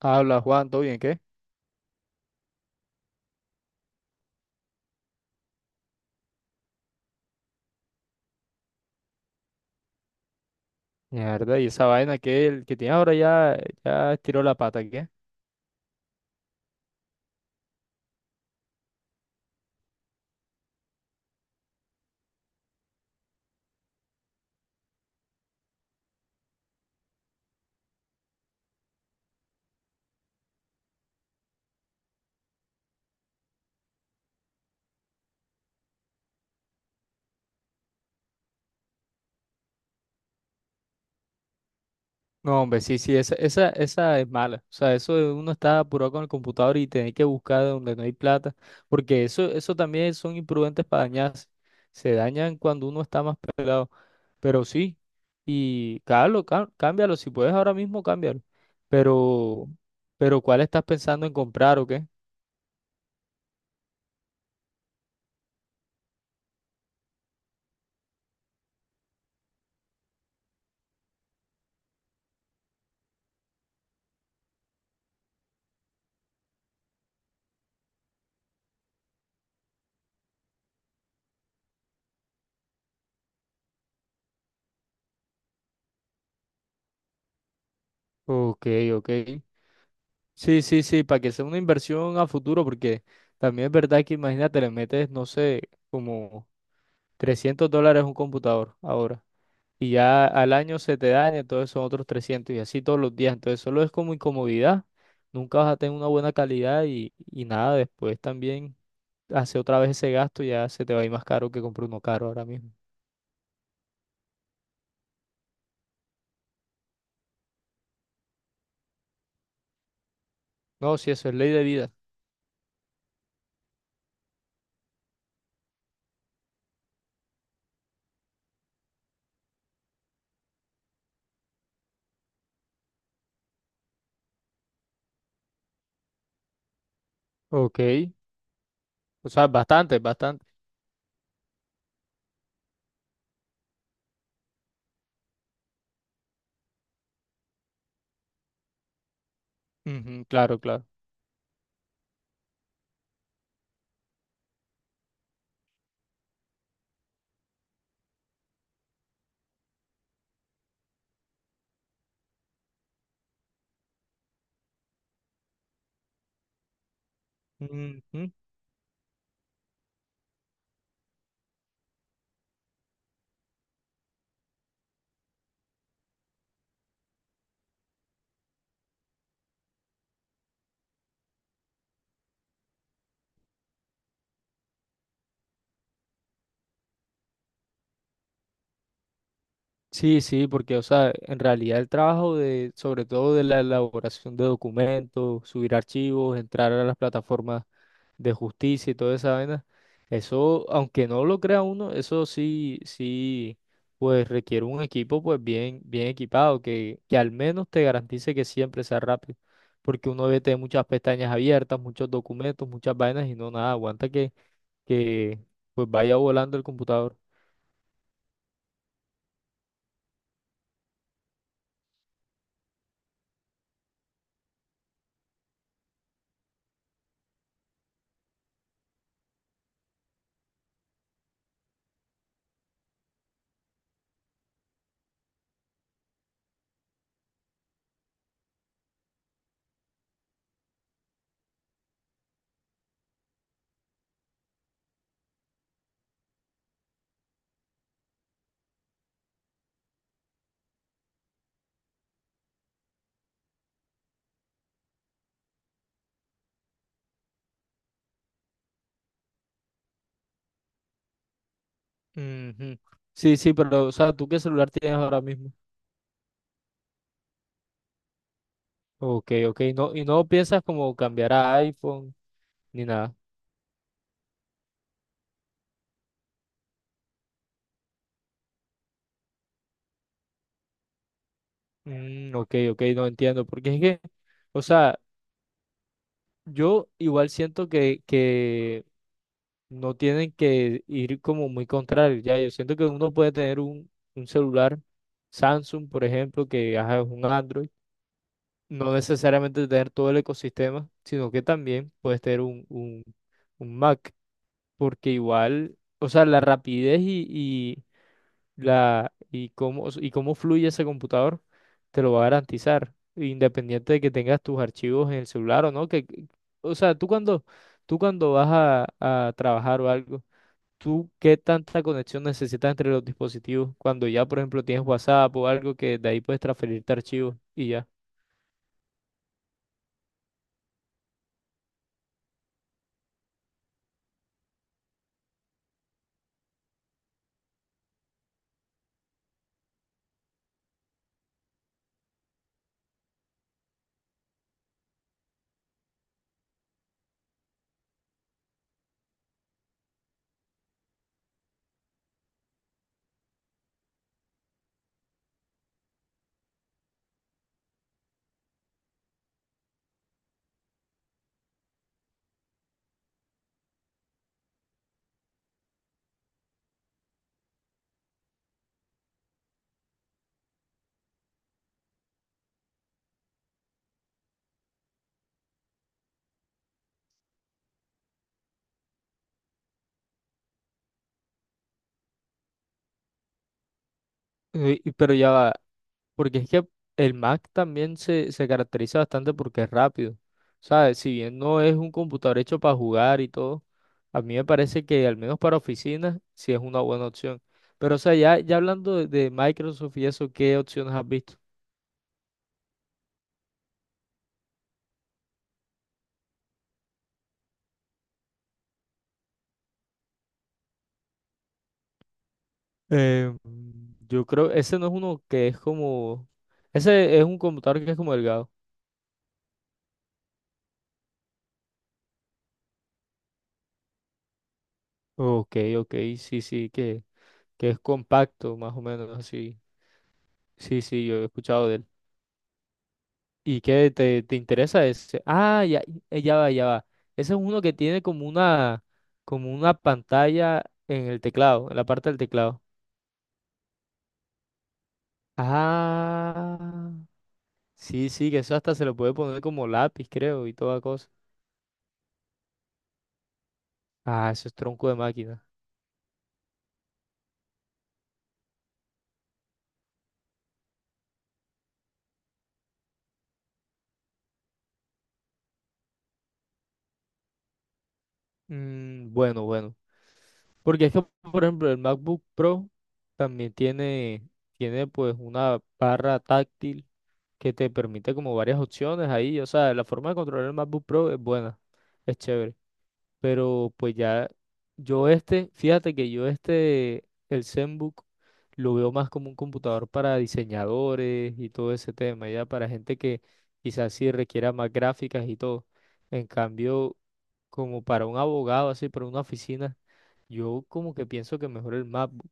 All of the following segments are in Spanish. Habla Juan, ¿todo bien? ¿Qué? Mierda, y esa vaina que el que tiene ahora ya, ya estiró la pata, ¿qué? No, hombre, sí, sí, esa, esa es mala. O sea, eso de uno está apurado con el computador y tener que buscar donde no hay plata. Porque eso también son imprudentes para dañarse. Se dañan cuando uno está más pelado. Pero sí, y cámbialo, cámbialo. Si puedes ahora mismo, cámbialo. Pero, pero ¿cuál estás pensando en comprar o qué? Ok, ok. Sí, sí, sí, para que sea una inversión a futuro, porque también es verdad que imagínate, le metes, no sé, como $300 a un computador ahora, y ya al año se te daña, entonces son otros 300 y así todos los días, entonces solo es como incomodidad, nunca vas a tener una buena calidad y nada, después también hace otra vez ese gasto, ya se te va a ir más caro que comprar uno caro ahora mismo. No, sí, eso es ley de vida. Ok, o sea, bastante, bastante. Ujú, claro, claro. Ujú. Sí, sí, porque, o sea, en realidad el trabajo de, sobre todo de la elaboración de documentos, subir archivos, entrar a las plataformas de justicia y toda esa vaina, eso, aunque no lo crea uno, eso sí, sí, pues requiere un equipo pues bien, bien equipado, que al menos te garantice que siempre sea rápido, porque uno ve te muchas pestañas abiertas, muchos documentos, muchas vainas y no nada, aguanta que pues vaya volando el computador. Ujú. Sí, sí, pero, o sea, ¿tú qué celular tienes ahora mismo? Ok, ok, no, y no piensas como cambiar a iPhone ni nada. Mm, ok, ok, no entiendo, porque es que, o sea, yo igual siento que no tienen que ir como muy contrario, ya, yo siento que uno puede tener un celular Samsung, por ejemplo, que ajá, es un Android, no necesariamente tener todo el ecosistema, sino que también puedes tener un Mac. Porque igual, o sea, la rapidez y la y cómo fluye ese computador te lo va a garantizar, independiente de que tengas tus archivos en el celular o no, que o sea, tú cuando vas a trabajar o algo, tú qué tanta conexión necesitas entre los dispositivos cuando ya, por ejemplo, tienes WhatsApp o algo que de ahí puedes transferirte archivos y ya. Pero ya va, porque es que el Mac también se caracteriza bastante porque es rápido. ¿Sabes? Si bien no es un computador hecho para jugar y todo, a mí me parece que al menos para oficinas sí es una buena opción. Pero, o sea, ya, ya hablando de Microsoft y eso, ¿qué opciones has visto? Eh, yo creo, ese no es uno que es como, ese es un computador que es como delgado. Ok, ok, sí, sí, que es compacto, más o menos así. Sí, sí, yo he escuchado. ¿Y qué te, te interesa ese? Ah, ya, ya va, ya va. Ese es uno que tiene como una pantalla en el teclado, en la parte del teclado. Ah, sí, sí, que eso hasta se lo puede poner como lápiz, creo, y toda cosa. Ah, eso es tronco de máquina. Mm, bueno, bueno. Porque es que, por ejemplo, el MacBook Pro también tiene, tiene pues una barra táctil que te permite como varias opciones ahí. O sea, la forma de controlar el MacBook Pro es buena, es chévere. Pero pues ya yo este, fíjate que yo este, el ZenBook, lo veo más como un computador para diseñadores y todo ese tema, ya para gente que quizás sí requiera más gráficas y todo. En cambio, como para un abogado, así, para una oficina, yo como que pienso que mejor el MacBook.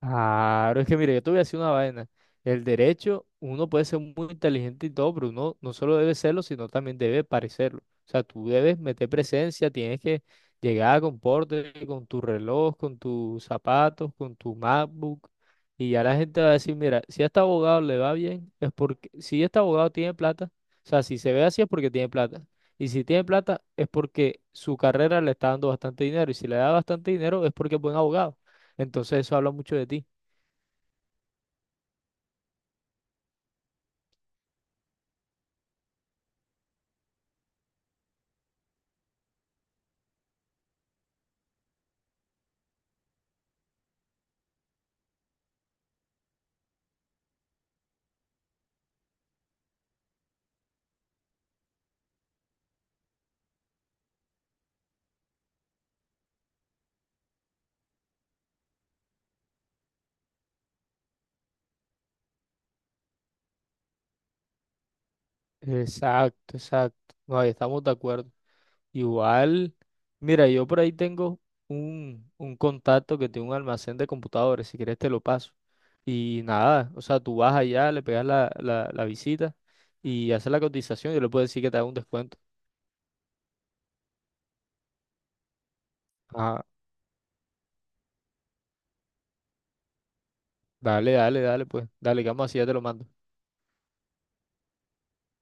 Claro, es que mire, yo te voy a decir una vaina. El derecho, uno puede ser muy inteligente y todo, pero uno no solo debe serlo, sino también debe parecerlo. O sea, tú debes meter presencia, tienes que llegar con porte, con tu reloj, con tus zapatos, con tu MacBook. Y ya la gente va a decir, mira, si a este abogado le va bien, es porque, si este abogado tiene plata, o sea, si se ve así es porque tiene plata. Y si tiene plata es porque su carrera le está dando bastante dinero. Y si le da bastante dinero es porque es buen abogado. Entonces eso habla mucho de ti. Exacto, exacto. No, ahí estamos de acuerdo. Igual, mira, yo por ahí tengo un contacto que tiene un almacén de computadores, si quieres te lo paso. Y nada, o sea, tú vas allá, le pegas la, la visita y haces la cotización y yo le puedo decir que te haga un descuento. Ah, dale, dale, dale, pues, dale, que vamos así, ya te lo mando.